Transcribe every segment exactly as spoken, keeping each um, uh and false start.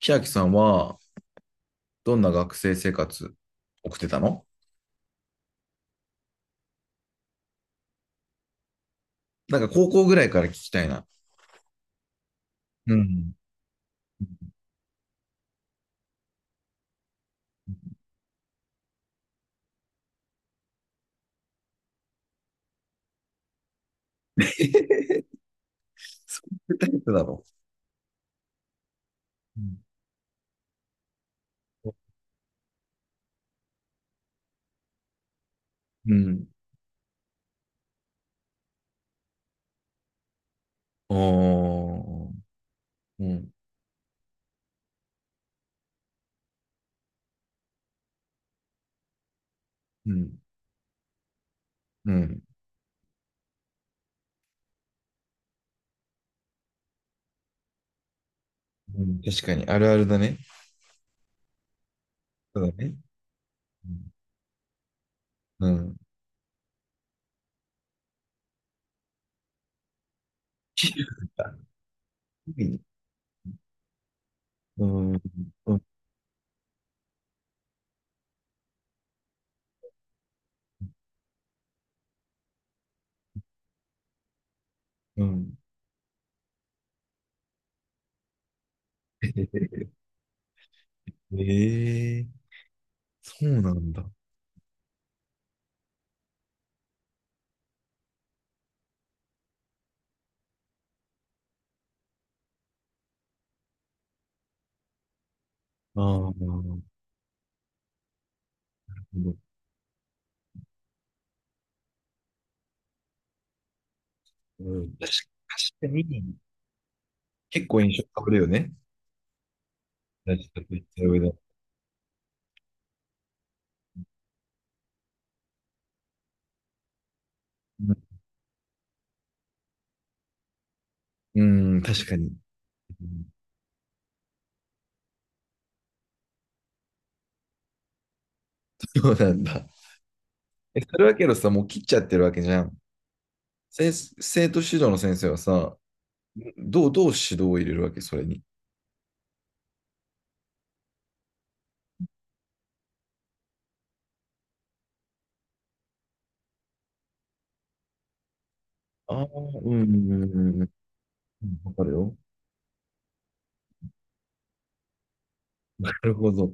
平木さんはどんな学生生活送ってたのなんか高校ぐらいから聞きたいな。うん。そういうタイプだろう。うん。うん。おー。うん。うん。うん。うん。確かに、あるあるだね。そうだね。うん。うん。うん。うん。うん。 ええ、そうなんだ。ああ、なるほど。うん、確か確かに、結構印象変わるよね。大事だと言った上で。うん、うん、確かに。そうなんだ。え、それはけどさ、もう切っちゃってるわけじゃん。先生、徒指導の先生はさ、どう、どう指導を入れるわけ、それに。ああ、うんうんうんうんうん。わかるよ。なるほど。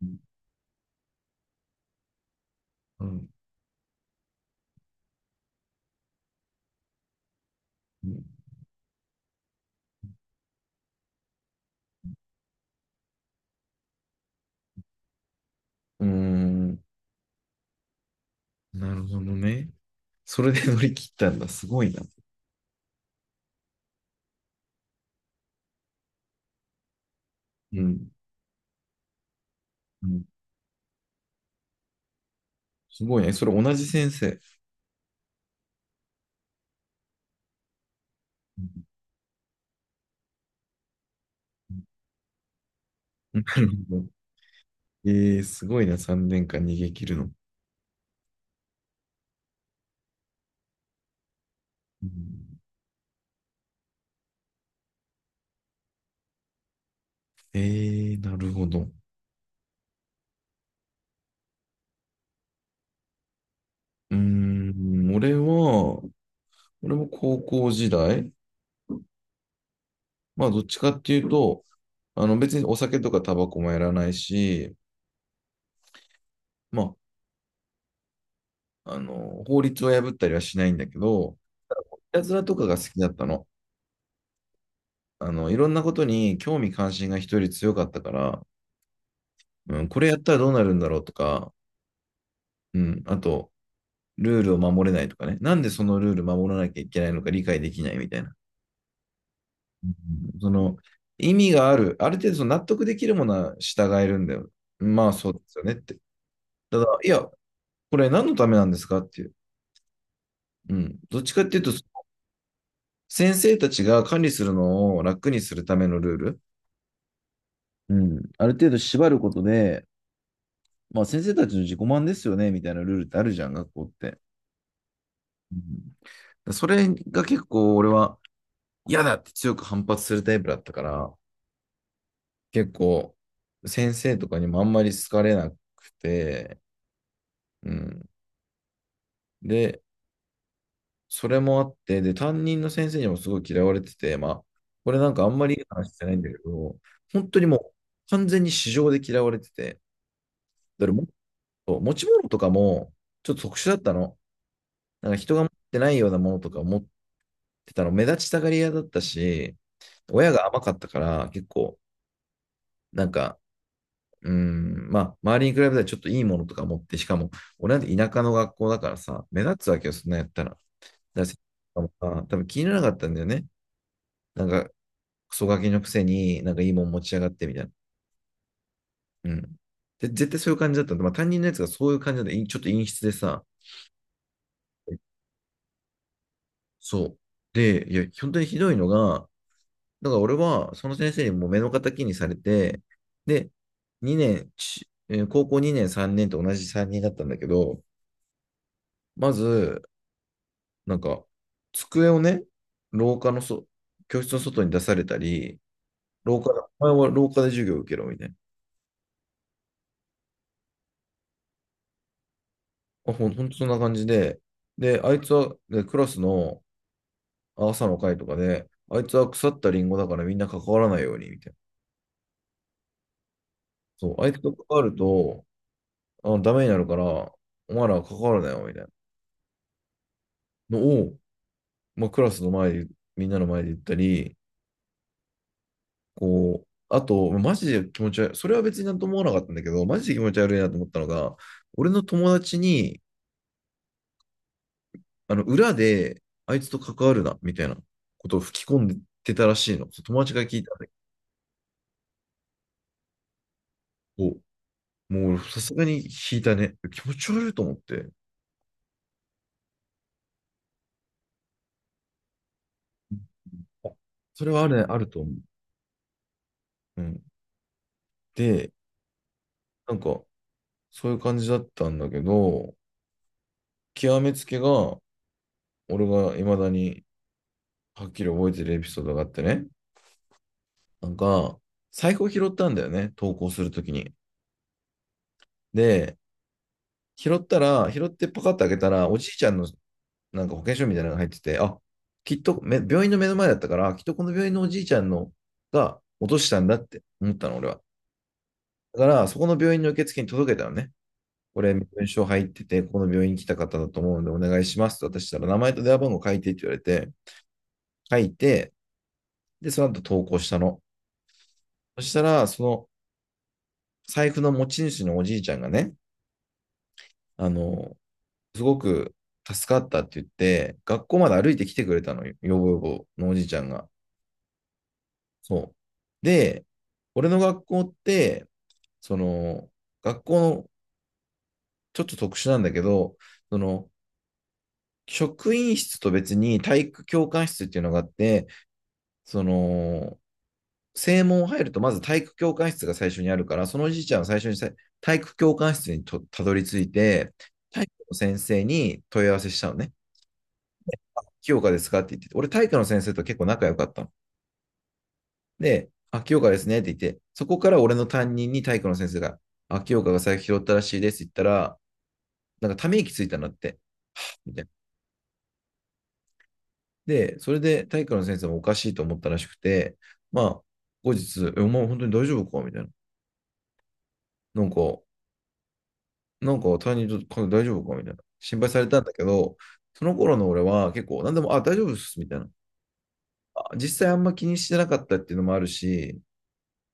うん。うん。うーん、なるほどね。それで乗り切ったんだ。すごいな。うん。うん。すごいね。それ同じ先生。うん、なるほど。えー、すごいな。さんねんかん逃げ切るの。うん、えー、なるほど。うーん。俺は、俺も高校時代、まあどっちかっていうと、あの別にお酒とかタバコもやらないし、まあ、あの、法律を破ったりはしないんだけど、いたずらとかが好きだったの。あの、いろんなことに興味関心が人より強かったから、うん、これやったらどうなるんだろうとか、うん、あと、ルールを守れないとかね、なんでそのルール守らなきゃいけないのか理解できないみたいな。うん、その、意味がある、ある程度その納得できるものは従えるんだよ。まあそうですよねって。ただ、いや、これ何のためなんですかっていう。うん。どっちかっていうと、先生たちが管理するのを楽にするためのルール。うん。ある程度縛ることで、まあ先生たちの自己満ですよね、みたいなルールってあるじゃん、学校って。うん、それが結構俺は嫌だって強く反発するタイプだったから、結構先生とかにもあんまり好かれなくて、うん。で、それもあって、で、担任の先生にもすごい嫌われてて、まあ、これなんかあんまりいい話してないんだけど、本当にもう完全に市場で嫌われてて、だからもっと持ち物とかもちょっと特殊だったの。なんか人が持ってないようなものとか持ってたの、目立ちたがり屋だったし、親が甘かったから結構、なんか、うーん、まあ、周りに比べたらちょっといいものとか持って、しかも、俺なんて田舎の学校だからさ、目立つわけよ、そんなんやったら。だから先生とかもさ、多分気にならなかったんだよね。なんか、クソガキのくせになんかいいもん持ち上がってみたいな。うん。で、絶対そういう感じだったんで、まあ担任のやつがそういう感じで、ちょっと陰湿でさ、そう。で、いや、本当にひどいのが、だから俺はその先生にもう目の敵にされて、で、にねん、ちえー高校にねん、さんねんと同じさんにんだったんだけど、まず、なんか、机をね、廊下のそ、教室の外に出されたり、廊下で、お前は廊下で授業を受けろみたいな。あ、ほん、ほんとそんな感じで、で、あいつは、で、クラスの朝の会とかで、あいつは腐ったリンゴだからみんな関わらないように、みたいな。そう、あいつと関わると、あ、ダメになるから、お前らは関わるなよ、みたいなのを、まあ、クラスの前で、みんなの前で言ったり、こう、あと、マジで気持ち悪い、それは別になんとも思わなかったんだけど、マジで気持ち悪いなと思ったのが、俺の友達に、あの、裏で、あいつと関わるな、みたいなことを吹き込んでたらしいの。そう友達が聞いたんだけど、もうさすがに引いたね。気持ち悪いと思って。あ、それはあるね、あると思う。うん。で、なんか、そういう感じだったんだけど、極めつけが、俺が未だにはっきり覚えてるエピソードがあってね。なんか、財布を拾ったんだよね、投稿するときに。で、拾ったら、拾ってパカッと開けたら、おじいちゃんのなんか保険証みたいなのが入ってて、あ、きっとめ、病院の目の前だったから、きっとこの病院のおじいちゃんのが落としたんだって思ったの、俺は。だから、そこの病院の受付に届けたのね。これ、身分証入ってて、ここの病院に来た方だと思うんで、お願いしますと私したら、名前と電話番号書いてって言われて、書いて、で、その後投稿したの。そしたら、その財布の持ち主のおじいちゃんがね、あの、すごく助かったって言って、学校まで歩いて来てくれたのよ、よぼよぼのおじいちゃんが。そう。で、俺の学校って、その、学校のちょっと特殊なんだけど、その、職員室と別に体育教官室っていうのがあって、その、正門入るとまず体育教官室が最初にあるから、そのおじいちゃんは最初にさ体育教官室にとたどり着いて、体育の先生に問い合わせしたのね。清香ですかって言ってて、俺体育の先生と結構仲良かったの。で、あ、清香ですねって言って、そこから俺の担任に体育の先生が、あ、清香が財布拾ったらしいですって言ったら、なんかため息ついたなって。で、それで体育の先生もおかしいと思ったらしくて、まあ、後日、え、お前本当に大丈夫かみたいな。なんか、なんか担任と大丈夫かみたいな。心配されたんだけど、その頃の俺は結構何でも、あ、大丈夫っす、みたいな。あ、実際あんま気にしてなかったっていうのもあるし、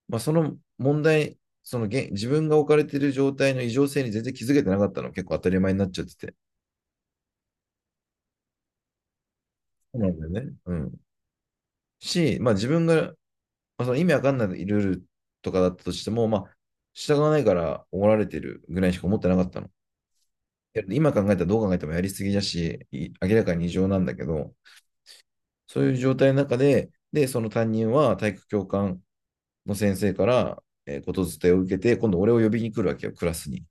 まあ、その問題、その現自分が置かれている状態の異常性に全然気づけてなかったの、結構当たり前になっちゃってて。そうなんだよね。うん。し、まあ自分がまあ、その意味わかんないルールとかだったとしても、まあ、従わないから怒られてるぐらいしか思ってなかったの。今考えたらどう考えてもやりすぎだし、明らかに異常なんだけど、そういう状態の中で、で、その担任は体育教官の先生から、えー、ことづてを受けて、今度俺を呼びに来るわけよ、クラスに。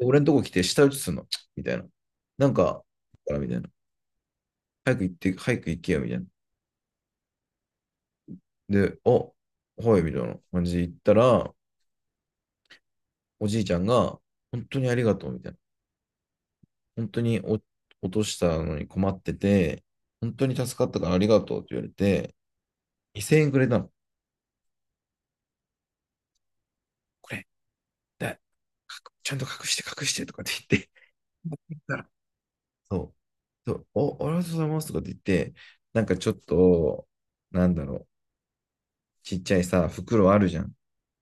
俺のとこ来て舌打ちするの、みたいな。なんか、からみたいな。早く行って、早く行けよ、みたいな。で、あ、はい、みたいな感じで行ったら、おじいちゃんが、本当にありがとう、みたいな。本当にお落としたのに困ってて、本当に助かったからありがとうって言われて、にせんえんくれたの。これ、だ、ちゃんと隠して隠してとかって言って持たら、そう、そうお、ありがとうございますとかって言って、なんかちょっと、なんだろう、ちっちゃいさ、袋あるじゃん。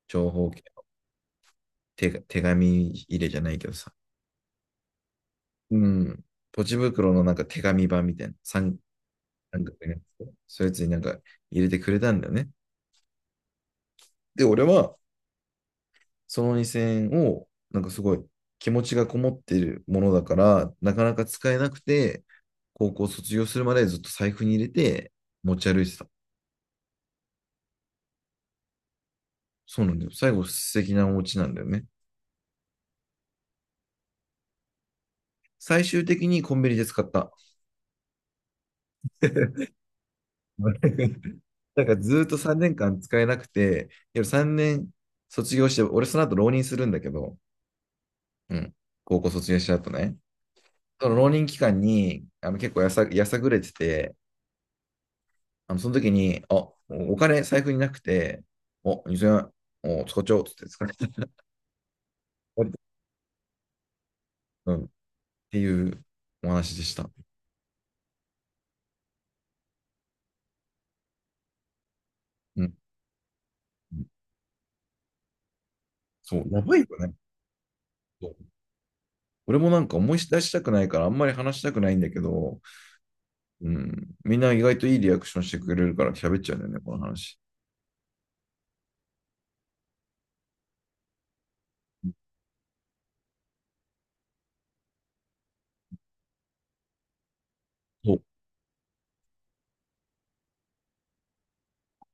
長方形。手手紙入れじゃないけどさ。うん。ポチ袋のなんか手紙版みたいな。三三角な、っそういうやつになんか入れてくれたんだよね。で、俺は、そのにせんえんを、なんかすごい気持ちがこもっているものだから、なかなか使えなくて、高校卒業するまでずっと財布に入れて持ち歩いてた。そうなんだよ。最後、素敵なお家なんだよね。最終的にコンビニで使った。なんかずーっとさんねんかん使えなくて、さんねん卒業して、俺その後浪人するんだけど、うん、高校卒業した後ね。その浪人期間にあの結構やさ、やさぐれてて、あの、その時に、あ、お金財布になくて、お、にせんえん、お、使っちゃおうっつって使っちゃった。うん、っていうお話でした。うん。そう、やばいよね。そう、俺もなんか思い出したくないから、あんまり話したくないんだけど、うん、みんな意外といいリアクションしてくれるから喋っちゃうんだよね、この話。そう